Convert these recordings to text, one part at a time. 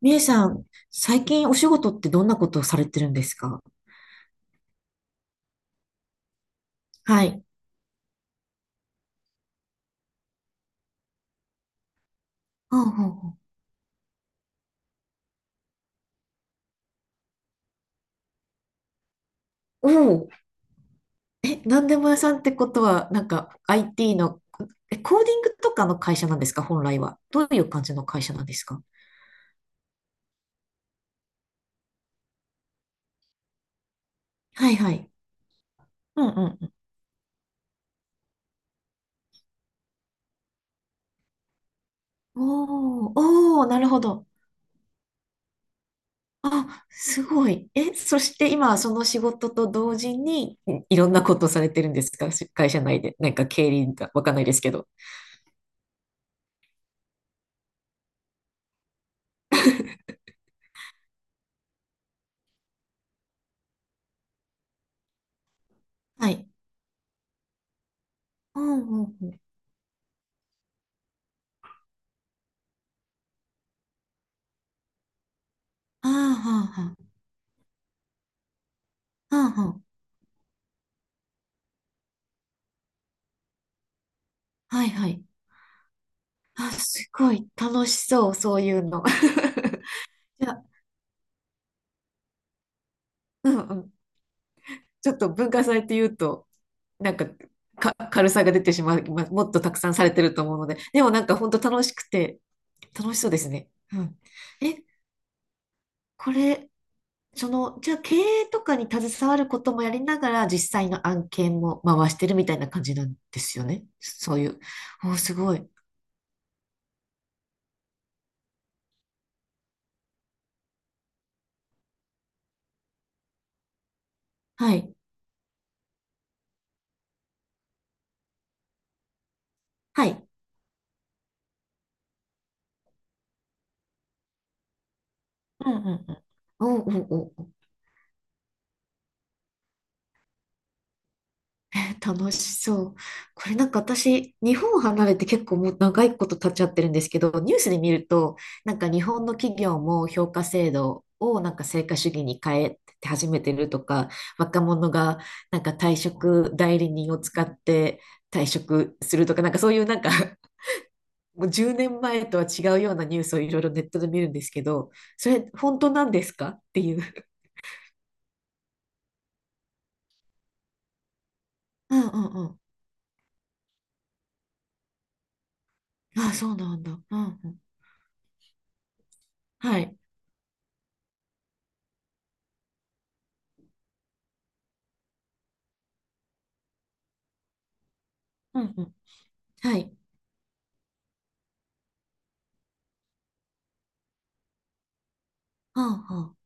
みえさん、最近お仕事ってどんなことをされてるんですか？はい。あ、あ、あおお、え、なんでも屋さんってことは、なんか IT の、え、コーディングとかの会社なんですか？本来は。どういう感じの会社なんですか？はいはい。うんうんうん。おお、おお、なるほど。あ、すごい。え、そして今、その仕事と同時に、いいろんなことをされてるんですか？し会社内で。なんか経理がわかんないですけど。はい。うんうんうん。ああ、はあはあ。はいはい。あ、すごい楽しそう、そういうの。いや、うんうん。ちょっと文化祭って言うと、なんか、か、軽さが出てしまう、まもっとたくさんされてると思うので、でもなんか本当楽しくて、楽しそうですね。うん。え、これ、その、じゃあ経営とかに携わることもやりながら、実際の案件も回してるみたいな感じなんですよね。そういう。おー、すごい。はい。はい。うんうんうん。おーおーおー。 えー楽しそう。これなんか私、日本を離れて結構もう長いこと経っちゃってるんですけど、ニュースで見ると、なんか日本の企業も評価制度をなんか成果主義に変えて始めてるとか、若者がなんか退職代理人を使って退職するとか、なんかそういうなんか、 もう10年前とは違うようなニュースをいろいろネットで見るんですけど、それ本当なんですかっていう。うんうんうん。あ、そうなんだ。うんうん。はい。うんうん。はい。うんうん。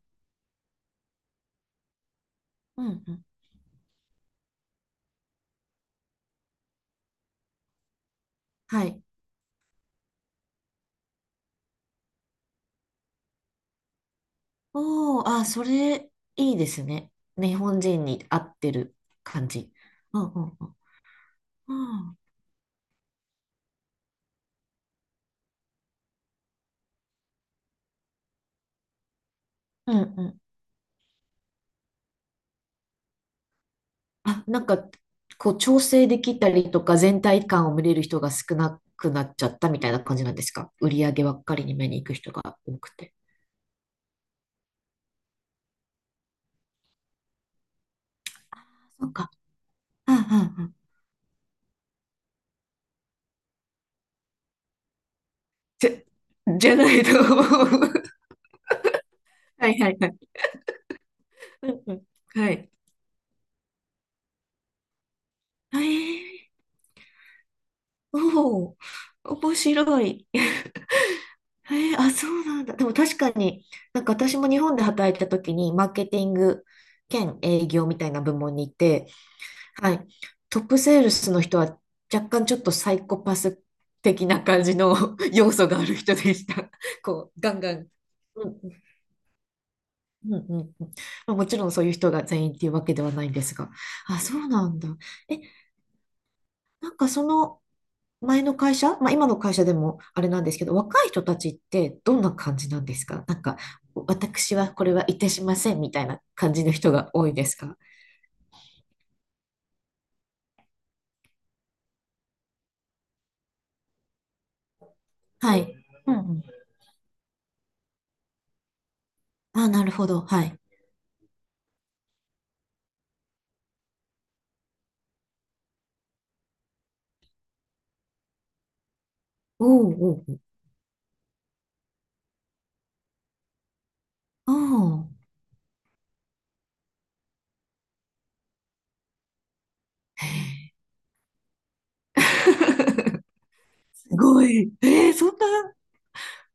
うんうん。はい。おー、あ、それ、いいですね。日本人に合ってる感じ。うんうんうん。うんうんうん。あ、なんか、こう、調整できたりとか、全体感を見れる人が少なくなっちゃったみたいな感じなんですか？売り上げばっかりに目に行く人が多くて。そうか。うんうんうん。じゃ、じゃないと思う。はいはいはい。うんうん。はい。えー、おお、面白い。へえ、あ、そうなんだ。でも確かに、なんか私も日本で働いた時に、マーケティング兼営業みたいな部門にいて、はい、トップセールスの人は若干ちょっとサイコパス的な感じの 要素がある人でした。こう、ガンガン。うん、うん、うん。うん、まあもちろんそういう人が全員っていうわけではないんですが。あ、そうなんだ。え、なんかその、前の会社、まあ、今の会社でもあれなんですけど、若い人たちってどんな感じなんですか？なんか、私はこれはいたしませんみたいな感じの人が多いですか？はい。うんうん。あ、なるほど。はい。おうおうおう。ああ。へえ。 すごい。えー、そんな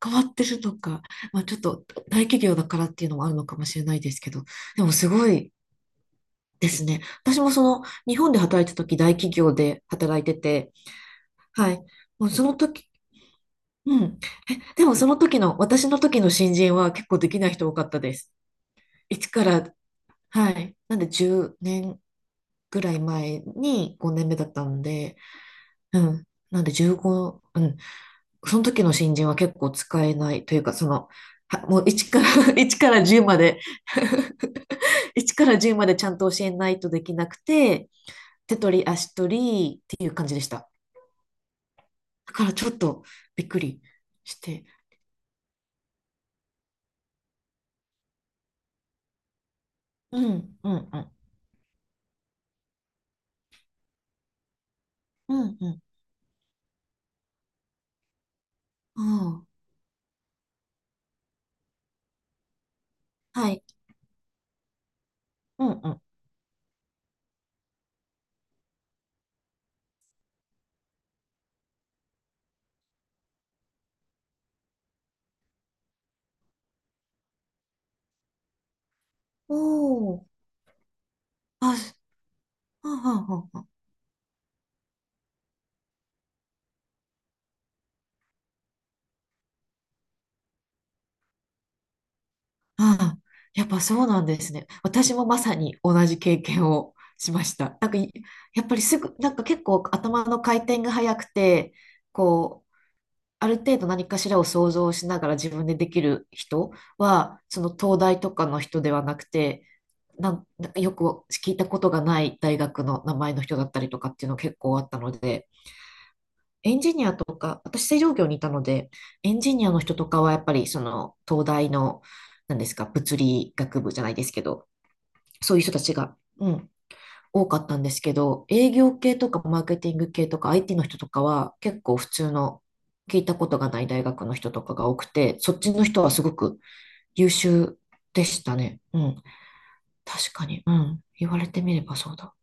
変わってるのか。まあ、ちょっと大企業だからっていうのもあるのかもしれないですけど、でもすごいですね。私もその日本で働いた時大企業で働いてて、はい。もうその時、うん。え、でもその時の、私の時の新人は結構できない人多かったです。一から、はい。なんで10年ぐらい前に5年目だったので、うん。なんで15、うん。その時の新人は結構使えないというか、その、はもう1から1 から10まで、 1から1までちゃんと教えないとできなくて、手取り足取りっていう感じでした。だからちょっとびっくりして。うん、うん、うん。うん、うん。ああ。はい。うんうん。おお。あ、はんはんはんはん。ああ、やっぱそうなんですね。私もまさに同じ経験をしました。なんかい、やっぱりすぐ、なんか結構頭の回転が速くて、こう、ある程度何かしらを想像しながら自分でできる人は、その東大とかの人ではなくて、なん、なんかよく聞いたことがない大学の名前の人だったりとかっていうの結構あったので、エンジニアとか、私製造業にいたので、エンジニアの人とかはやっぱりその東大の、なんですか、物理学部じゃないですけど、そういう人たちが、うん、多かったんですけど、営業系とかマーケティング系とか IT の人とかは結構普通の聞いたことがない大学の人とかが多くて、そっちの人はすごく優秀でしたね。うん。確かに。うん。言われてみればそうだ。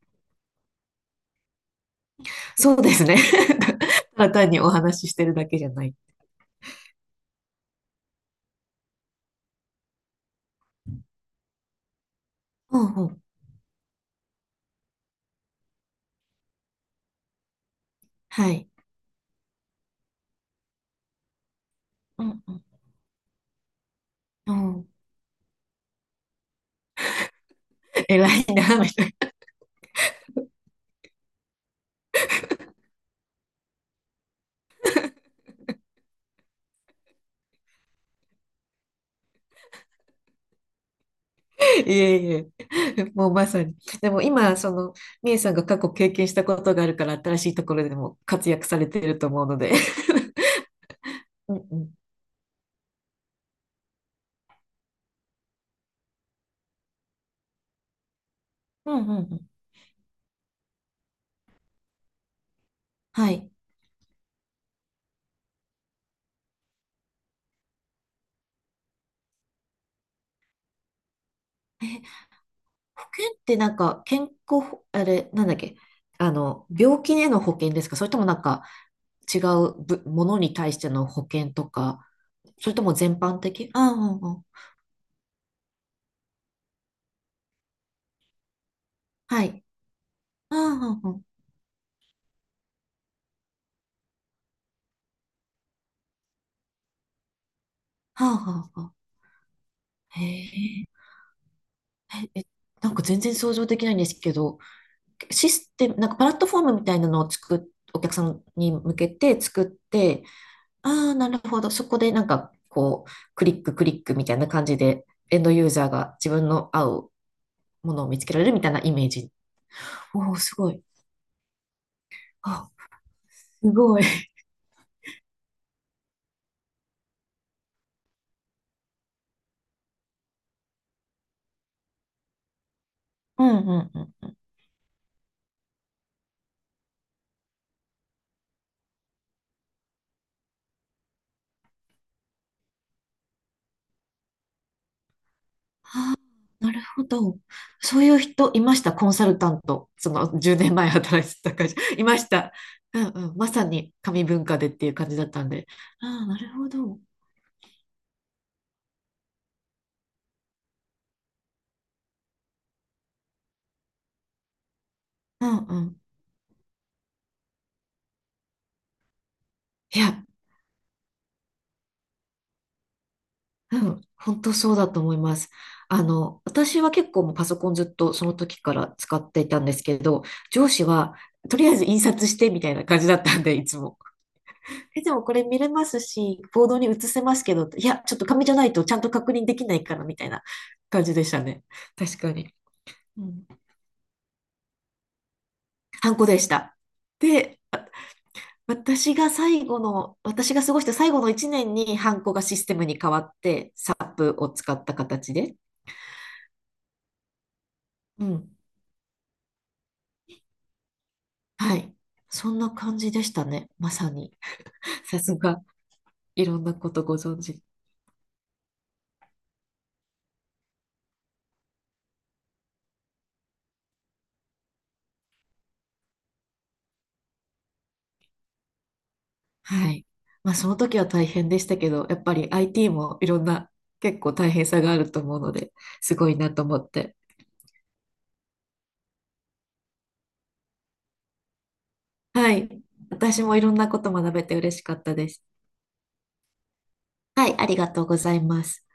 そうですね。ただ単にお話ししてるだけじゃない。うんうん。はい。うんうんうん、偉いな、みたいな。いえいえ。もうまさに。でも今、その、みえさんが過去経験したことがあるから、新しいところでも活躍されてると思うので。うんうん。うんうんうん。はい。え、保険ってなんか、健康保、あれ、なんだっけ、あの、病気への保険ですか？それともなんか、違うぶものに対しての保険とか、それとも全般的、ああ、うんうんうん。はい。ああ、うんうん。はあはあはあ。へえ。え、え、なんか全然想像できないんですけど、システム、なんかプラットフォームみたいなのを作っ、お客さんに向けて作って、ああ、なるほど。そこでなんかこう、クリッククリックみたいな感じで、エンドユーザーが自分の合うものを見つけられるみたいなイメージ。おお、すごい。あ、すごい。うんうんうん。あー、なるほど。そういう人いました、コンサルタント。その10年前働いてた会社。いました。うんうん。まさに紙文化でっていう感じだったんで。ああ、なるほど。うんうん。いや、うん、本当そうだと思います。あの、私は結構もうパソコンずっとその時から使っていたんですけど、上司はとりあえず印刷してみたいな感じだったんで、いつも。えでもこれ見れますし、ボードに映せますけど、いや、ちょっと紙じゃないとちゃんと確認できないからみたいな感じでしたね。確かに。うん。ハンコでした。で、あ、私が最後の、私が過ごした最後の1年にハンコがシステムに変わって、SAP を使った形で。うん、はい。そんな感じでしたね。まさに。さすが、いろんなことご存知。はい。まあ、その時は大変でしたけど、やっぱり IT もいろんな結構大変さがあると思うので、すごいなと思って。はい。私もいろんなこと学べて嬉しかったです。はい、ありがとうございます。